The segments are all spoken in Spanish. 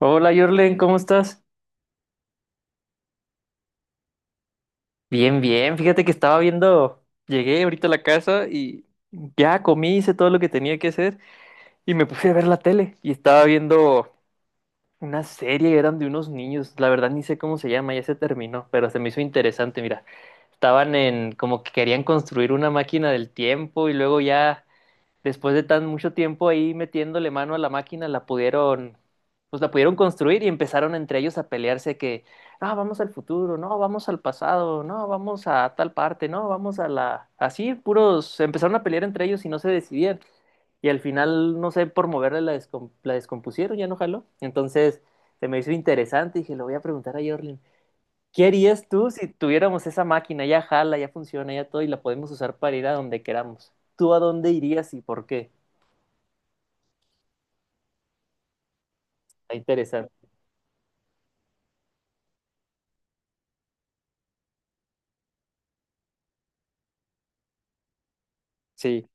Hola, Jorlen, ¿cómo estás? Bien, bien. Fíjate que estaba viendo, llegué ahorita a la casa y ya comí, hice todo lo que tenía que hacer y me puse a ver la tele y estaba viendo una serie, eran de unos niños, la verdad ni sé cómo se llama, ya se terminó, pero se me hizo interesante, mira. Estaban en como que querían construir una máquina del tiempo y luego ya después de tan mucho tiempo ahí metiéndole mano a la máquina, la pudieron, pues la pudieron construir y empezaron entre ellos a pelearse que, ah, vamos al futuro, no, vamos al pasado, no, vamos a tal parte, no, vamos a la... Así, puros, empezaron a pelear entre ellos y no se decidían. Y al final, no sé, por moverle la, la descompusieron, ya no jaló. Entonces, se me hizo interesante y dije, lo voy a preguntar a Jorlin. ¿Qué harías tú si tuviéramos esa máquina? Ya jala, ya funciona, ya todo y la podemos usar para ir a donde queramos. ¿Tú a dónde irías y por qué? Está interesante. Sí.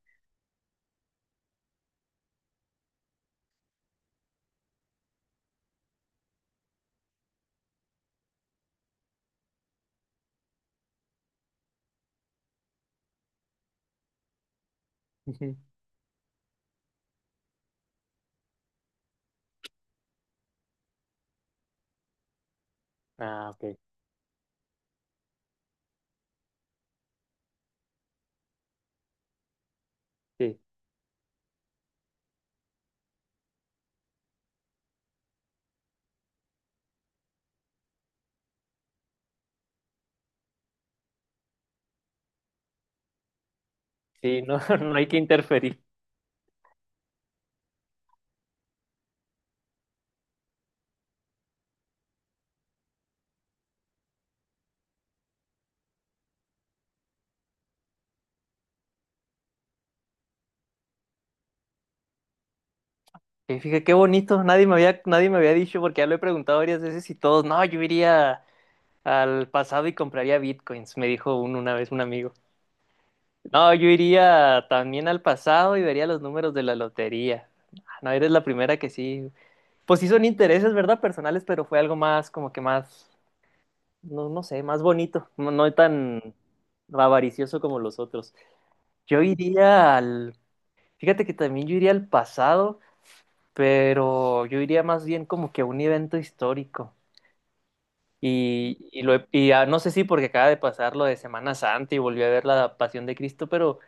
Ujú. Ah, ok. Sí. Sí, no, no hay que interferir. Fíjate qué bonito. Nadie me había dicho, porque ya lo he preguntado varias veces y todos, no, yo iría al pasado y compraría bitcoins, me dijo un una vez un amigo. No, yo iría también al pasado y vería los números de la lotería. Ah, no, eres la primera que sí. Pues sí son intereses, ¿verdad? Personales, pero fue algo más, como que más, no, no sé, más bonito. No, no tan avaricioso como los otros. Yo iría al Fíjate que también yo iría al pasado, pero yo iría más bien como que a un evento histórico. Y, lo, he- y ah, No sé si porque acaba de pasar lo de Semana Santa y volví a ver la Pasión de Cristo, pero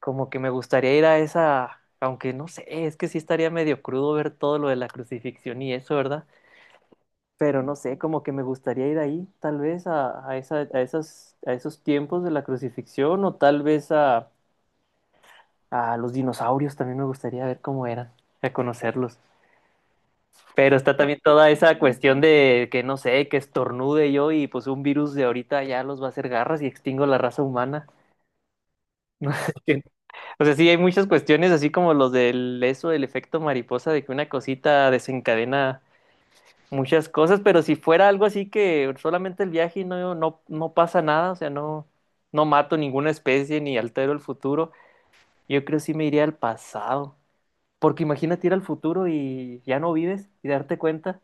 como que me gustaría ir a esa, aunque no sé, es que sí estaría medio crudo ver todo lo de la crucifixión y eso, ¿verdad? Pero no sé, como que me gustaría ir ahí, tal vez esa, esas, a esos tiempos de la crucifixión o tal vez a los dinosaurios, también me gustaría ver cómo eran, a conocerlos. Pero está también toda esa cuestión de que no sé, que estornude yo y pues un virus de ahorita ya los va a hacer garras y extingo la raza humana. No sé qué. O sea, sí hay muchas cuestiones así como los del eso, el efecto mariposa, de que una cosita desencadena muchas cosas, pero si fuera algo así que solamente el viaje y no, no, no pasa nada, o sea, no, no mato ninguna especie ni altero el futuro, yo creo sí me iría al pasado. Porque imagínate ir al futuro y ya no vives y darte cuenta.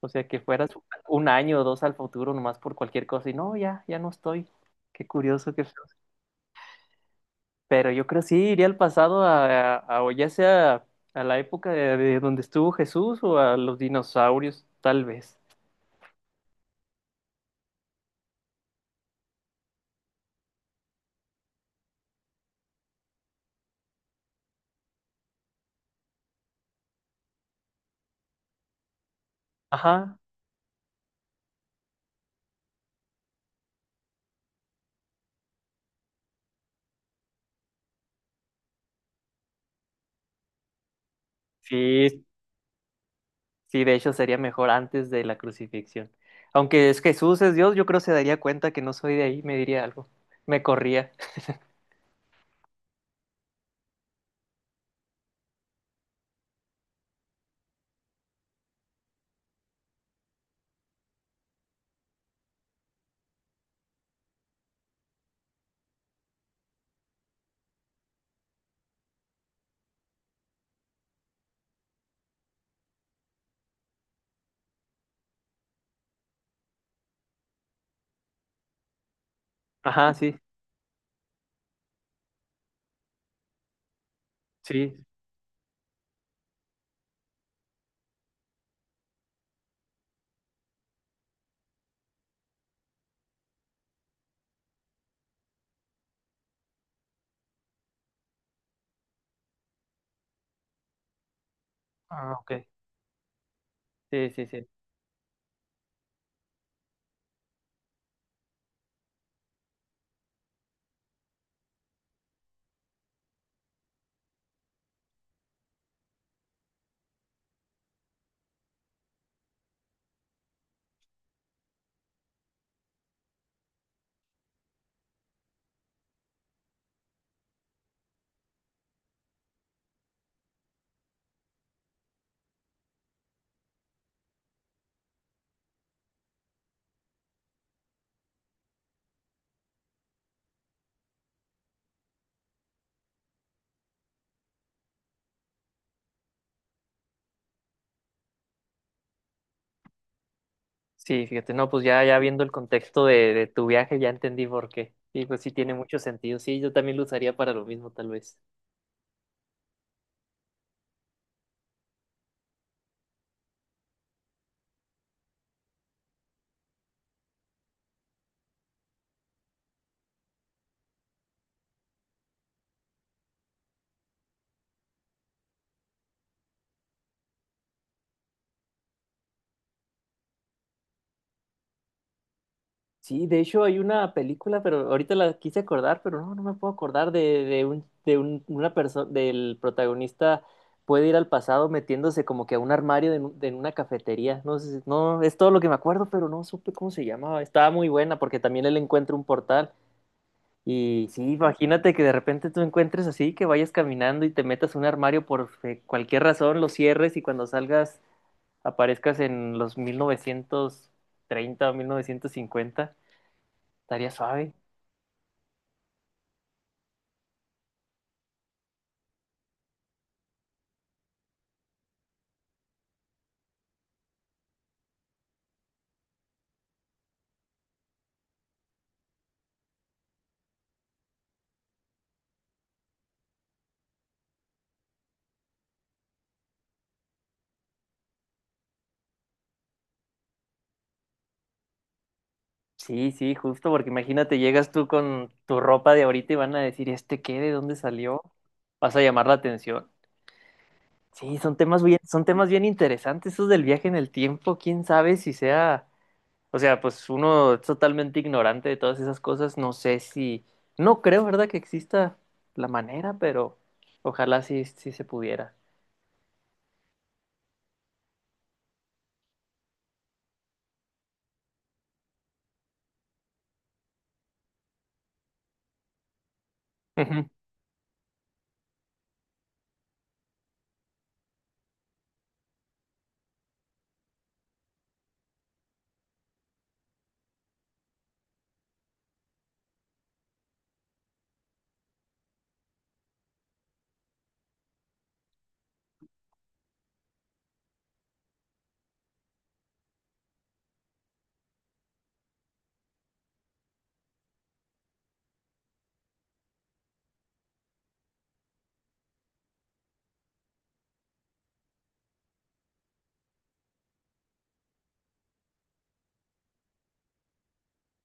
O sea, que fueras un año o dos al futuro nomás por cualquier cosa y no, ya, ya no estoy. Qué curioso, qué feo. Pero yo creo sí iría al pasado o ya sea a la época de donde estuvo Jesús o a los dinosaurios, tal vez. Ajá. Sí, sí, de hecho sería mejor antes de la crucifixión. Aunque es Jesús es Dios, yo creo se daría cuenta que no soy de ahí, me diría algo. Me corría. Ajá, sí, sí. Ah, ok. Sí, sí, sí. Sí, fíjate, no, pues ya, ya viendo el contexto de tu viaje, ya entendí por qué. Y pues sí tiene mucho sentido. Sí, yo también lo usaría para lo mismo, tal vez. Sí, de hecho hay una película, pero ahorita la quise acordar, pero no, no me puedo acordar una persona, del protagonista puede ir al pasado metiéndose como que a un armario de, en una cafetería. No sé, no, es todo lo que me acuerdo, pero no supe cómo se llamaba. Estaba muy buena porque también él encuentra un portal. Y sí, imagínate que de repente tú encuentres así, que vayas caminando y te metas a un armario por cualquier razón, lo cierres y cuando salgas aparezcas en los 1930 o 1950. Estaría suave. Sí, sí, justo, porque imagínate, llegas tú con tu ropa de ahorita y van a decir, ¿este qué? ¿De dónde salió? Vas a llamar la atención. Son temas bien interesantes, esos del viaje en el tiempo. ¿Quién sabe si sea o sea, pues uno es totalmente ignorante de todas esas cosas? No sé si, no creo, ¿verdad? Que exista la manera, pero ojalá sí, sí se pudiera. Ujú.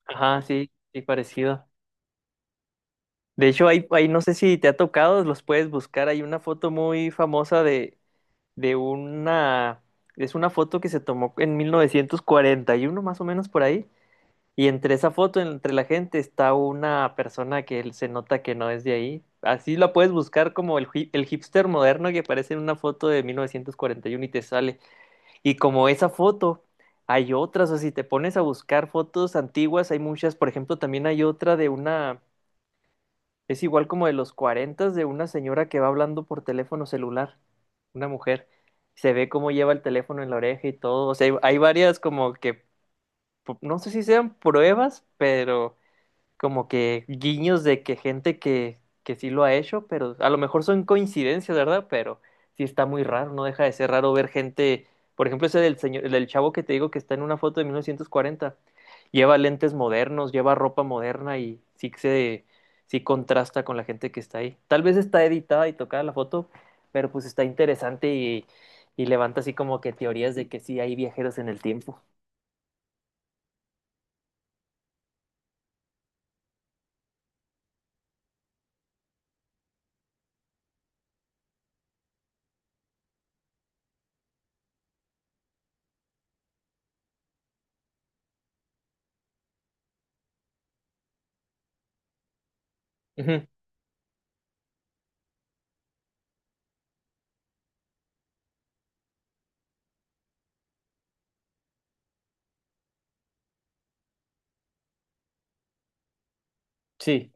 Ajá, sí, sí, parecido. De hecho, hay, no sé si te ha tocado, los puedes buscar. Hay una foto muy famosa de una, es una foto que se tomó en 1941 más o menos por ahí, y entre esa foto, entre la gente, está una persona se nota que no es de ahí. Así la puedes buscar como el hipster moderno que aparece en una foto de 1941 y uno y te sale. Y como esa foto, hay otras. O si te pones a buscar fotos antiguas, hay muchas. Por ejemplo, también hay otra de una, es igual como de los 40 de una señora que va hablando por teléfono celular. Una mujer. Se ve cómo lleva el teléfono en la oreja y todo. O sea, hay varias como que, no sé si sean pruebas, pero como que guiños de que gente que sí lo ha hecho, pero a lo mejor son coincidencias, ¿verdad? Pero sí está muy raro, no deja de ser raro ver gente, por ejemplo, ese del señor, el del chavo que te digo que está en una foto de 1940, lleva lentes modernos, lleva ropa moderna y sí que se sí contrasta con la gente que está ahí. Tal vez está editada y tocada la foto, pero pues está interesante y levanta así como que teorías de que sí hay viajeros en el tiempo. Ujú, sí.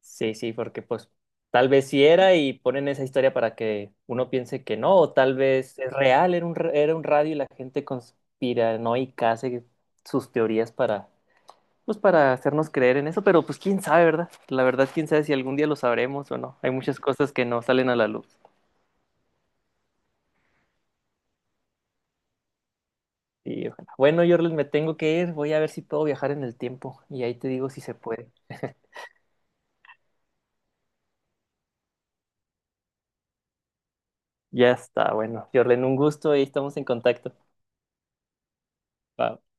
Sí, sí, porque pues tal vez sí era y ponen esa historia para que uno piense que no, o tal vez es real, era un, era un radio y la gente conspiranoica hace sus teorías para, pues para hacernos creer en eso, pero pues quién sabe, ¿verdad? La verdad, quién sabe si algún día lo sabremos o no. Hay muchas cosas que no salen a la luz. Y ojalá. Bueno, yo me tengo que ir, voy a ver si puedo viajar en el tiempo y ahí te digo si se puede. Ya está, bueno, Jorlen, un gusto y estamos en contacto. Bye.